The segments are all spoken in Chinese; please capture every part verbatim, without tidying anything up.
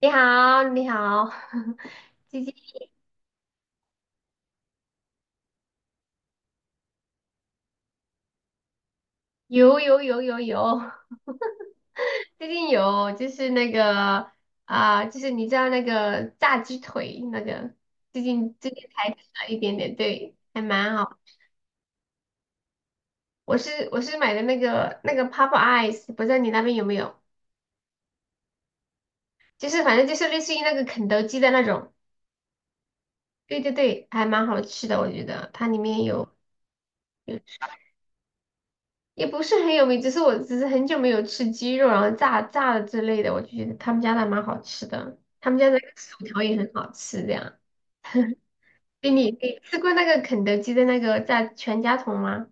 你好，你好，最近有有有有有，最近有就是那个啊、就是你知道那个炸鸡腿那个，最近最近才吃了一点点，对，还蛮好。我是我是买的那个那个 Pop Eyes，不知道你那边有没有？就是反正就是类似于那个肯德基的那种，对对对，还蛮好吃的，我觉得它里面有。也不是很有名，只是我只是很久没有吃鸡肉，然后炸炸的之类的，我就觉得他们家的蛮好吃的，他们家的那个薯条也很好吃，这样。对你你吃过那个肯德基的那个炸全家桶吗？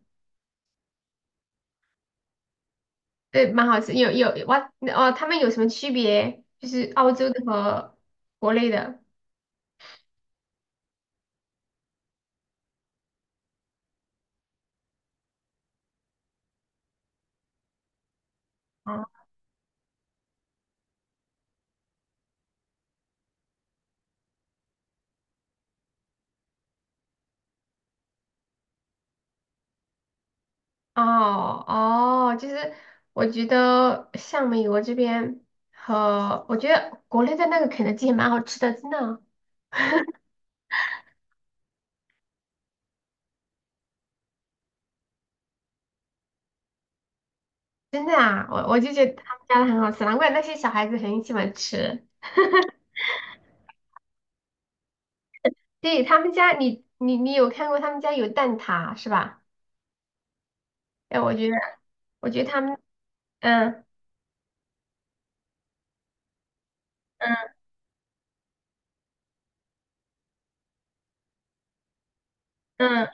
对，蛮好吃。有有哇哦，他们有什么区别？就是澳洲的和国内的。哦哦哦，就是我觉得像美国这边和我觉得国内的那个肯德基也蛮好吃的，真的。真的啊，我我就觉得他们家的很好吃，难怪那些小孩子很喜欢吃。对，他们家，你你你有看过他们家有蛋挞是吧？哎，我觉得我觉得他们，嗯嗯嗯，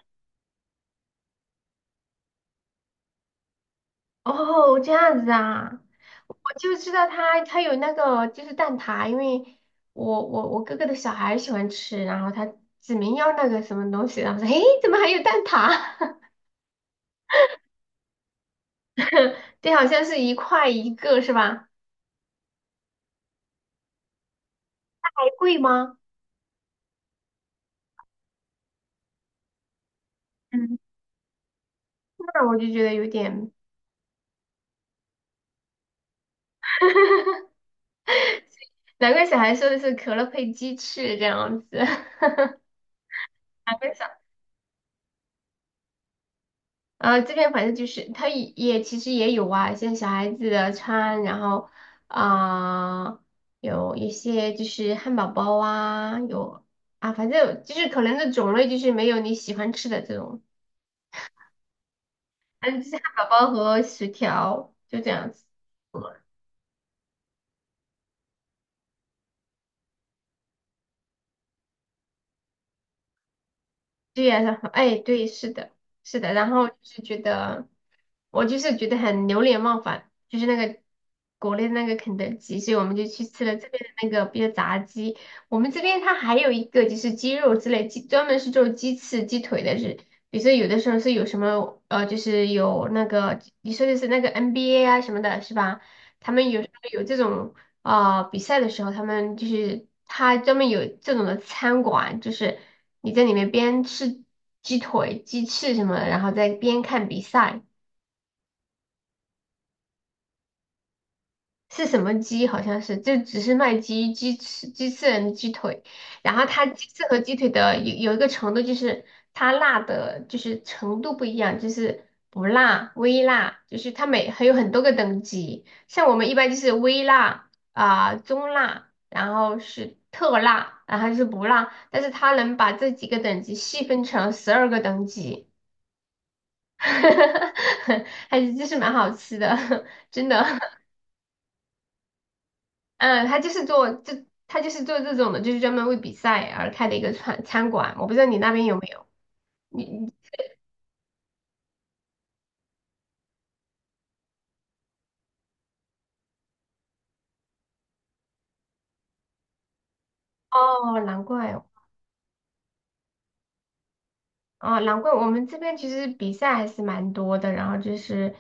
哦，这样子啊，我就知道他他有那个就是蛋挞，因为我我我哥哥的小孩喜欢吃，然后他指明要那个什么东西，然后说，诶，怎么还有蛋挞？对，好像是一块一个是吧？还贵吗？嗯，那我就觉得有点。难怪小孩说的是可乐配鸡翅这样子，难怪小呃这边反正就是他也也其实也有啊，像小孩子的餐，然后啊、有一些就是汉堡包啊，有啊反正就是可能的种类就是没有你喜欢吃的这种，但就是汉堡包和薯条就这样子。对呀，然后哎，对，是的，是的，然后就是觉得，我就是觉得很流连忘返，就是那个国内的那个肯德基，所以我们就去吃了这边的那个，比如炸鸡，我们这边它还有一个就是鸡肉之类，鸡专门是做鸡翅、鸡腿的，是，比如说有的时候是有什么呃，就是有那个你说的是那个 N B A 啊什么的，是吧？他们有时候有这种。啊、比赛的时候，他们就是他专门有这种的餐馆，就是你在里面边吃鸡腿、鸡翅什么的，然后再边看比赛。是什么鸡？好像是，就只是卖鸡、鸡翅、鸡翅人、鸡腿。然后它鸡翅和鸡腿的有有一个程度，就是它辣的，就是程度不一样，就是不辣、微辣，就是它每还有很多个等级。像我们一般就是微辣啊、中辣，然后是特辣，然后就是不辣。但是它能把这几个等级细分成十二个等级，还是就是蛮好吃的，真的。嗯，他就是做这，他就是做这种的，就是专门为比赛而开的一个餐餐馆。我不知道你那边有没有？你你哦，难怪哦，哦难怪我们这边其实比赛还是蛮多的。然后就是，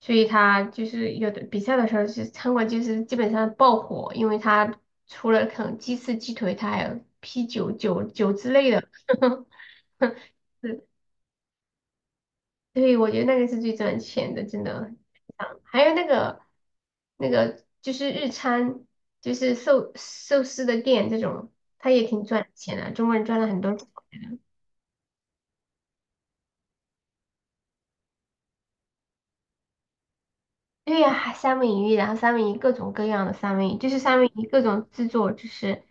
所以他就是有的比赛的时候，就是餐馆就是基本上爆火，因为他除了啃鸡翅、鸡腿，他还有啤酒、酒酒之类的。对，我觉得那个是最赚钱的，真的。啊还有那个那个就是日餐，就是寿寿司的店这种，它也挺赚钱的，中国人赚了很多钱。对呀、还三文鱼，然后三文鱼各种各样的三文鱼，就是三文鱼各种制作，就是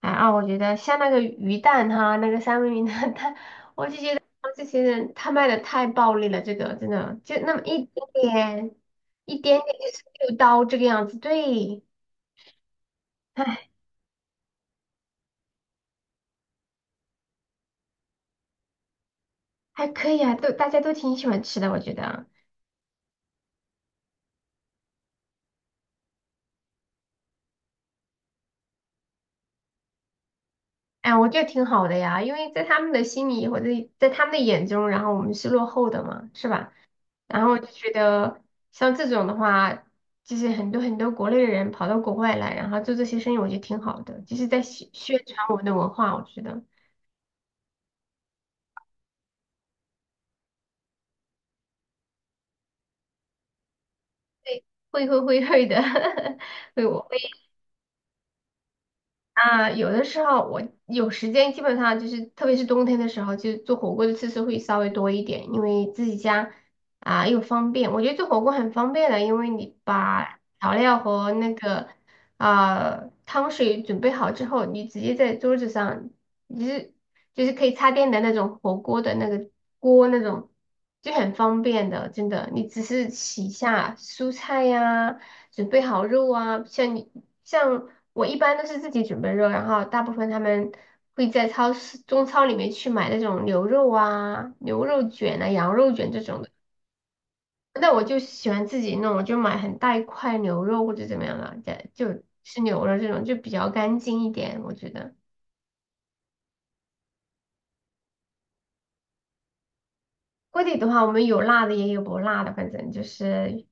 啊啊，我觉得像那个鱼蛋哈，那个三文鱼的蛋，他这些人他卖的太暴利了，这个真的就那么一点点，一点点就是六刀这个样子，对。还可以啊，都大家都挺喜欢吃的，我觉得，哎，我觉得挺好的呀，因为在他们的心里或者在他们的眼中，然后我们是落后的嘛，是吧？然后就觉得像这种的话，就是很多很多国内的人跑到国外来，然后做这些生意，我觉得挺好的，就是在宣宣传我们的文化，我觉得会会会会的，会我啊，有的时候我有时间，基本上就是，特别是冬天的时候，就做火锅的次数会稍微多一点，因为自己家啊又方便。我觉得做火锅很方便的，因为你把调料和那个啊、汤水准备好之后，你直接在桌子上，你是就是可以插电的那种火锅的那个锅那种，就很方便的，真的。你只是洗一下蔬菜呀、准备好肉啊，像你像我一般都是自己准备肉，然后大部分他们会在超市中超里面去买那种牛肉啊、牛肉卷啊、羊肉卷这种的。那我就喜欢自己弄，我就买很大一块牛肉或者怎么样的，这就吃牛肉这种就比较干净一点，我觉得。锅底的话，我们有辣的也有不辣的，反正就是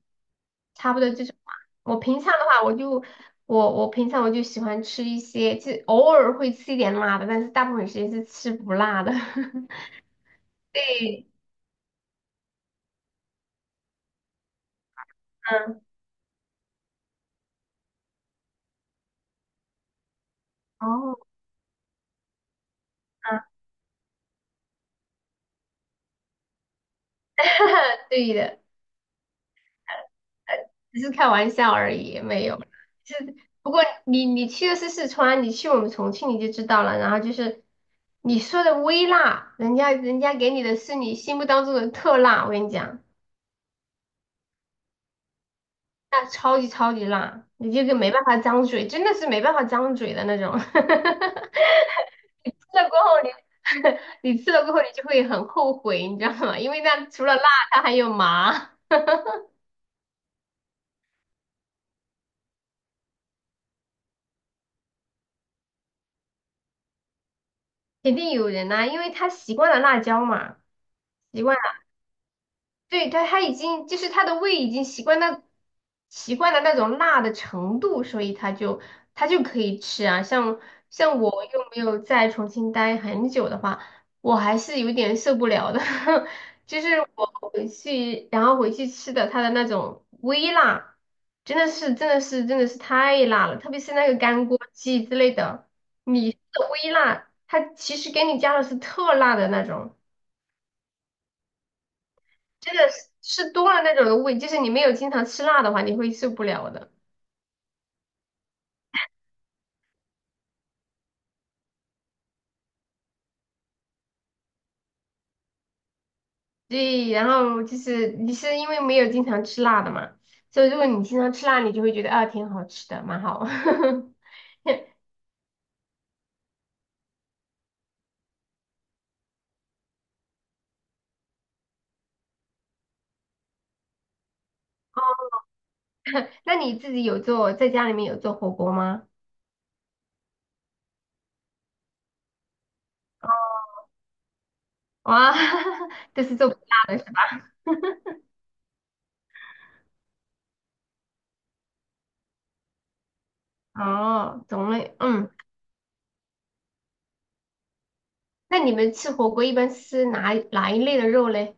差不多这种吧。我平常的话，我就我我平常我就喜欢吃一些，就偶尔会吃一点辣的，但是大部分时间是吃不辣的。对，嗯，哦，嗯，对的。只是开玩笑而已，没有。是，不过你你去的是四川，你去我们重庆你就知道了。然后就是你说的微辣，人家人家给你的是你心目当中的特辣。我跟你讲，那超级超级辣，你这个没办法张嘴，真的是没办法张嘴的那种。吃了过后你 你吃了过后你就会很后悔，你知道吗？因为那除了辣，它还有麻，肯定有人呐、因为他习惯了辣椒嘛。习惯。了。对，他他已经就是他的胃已经习惯那习惯了那种辣的程度，所以他就他就可以吃啊。像像我又没有在重庆待很久的话，我还是有点受不了的。就是我回去，然后回去吃的它的那种微辣，真的是真的是真的是太辣了，特别是那个干锅鸡之类的，你的微辣，它其实给你加的是特辣的那种。真的是吃多了那种的胃，就是你没有经常吃辣的话，你会受不了的。对，然后就是你是因为没有经常吃辣的嘛，所以如果你经常吃辣，你就会觉得啊，挺好吃的，蛮好。那你自己有做，在家里面有做火锅吗？哇，就是做不辣的是吧？哦，种类，嗯。那你们吃火锅一般是哪哪一类的肉嘞？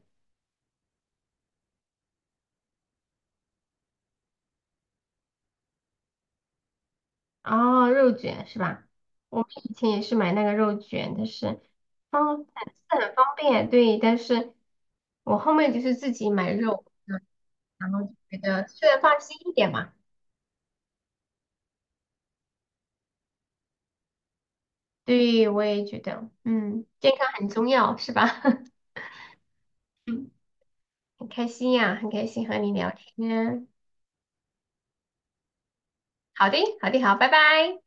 哦，肉卷是吧？我们以前也是买那个肉卷，但是方是很方便，对，但是。我后面就是自己买肉，嗯，然后就觉得吃的放心一点嘛。对，我也觉得，嗯，健康很重要，是吧？嗯，很开心呀，很开心和你聊天。好的，好的，好，拜拜。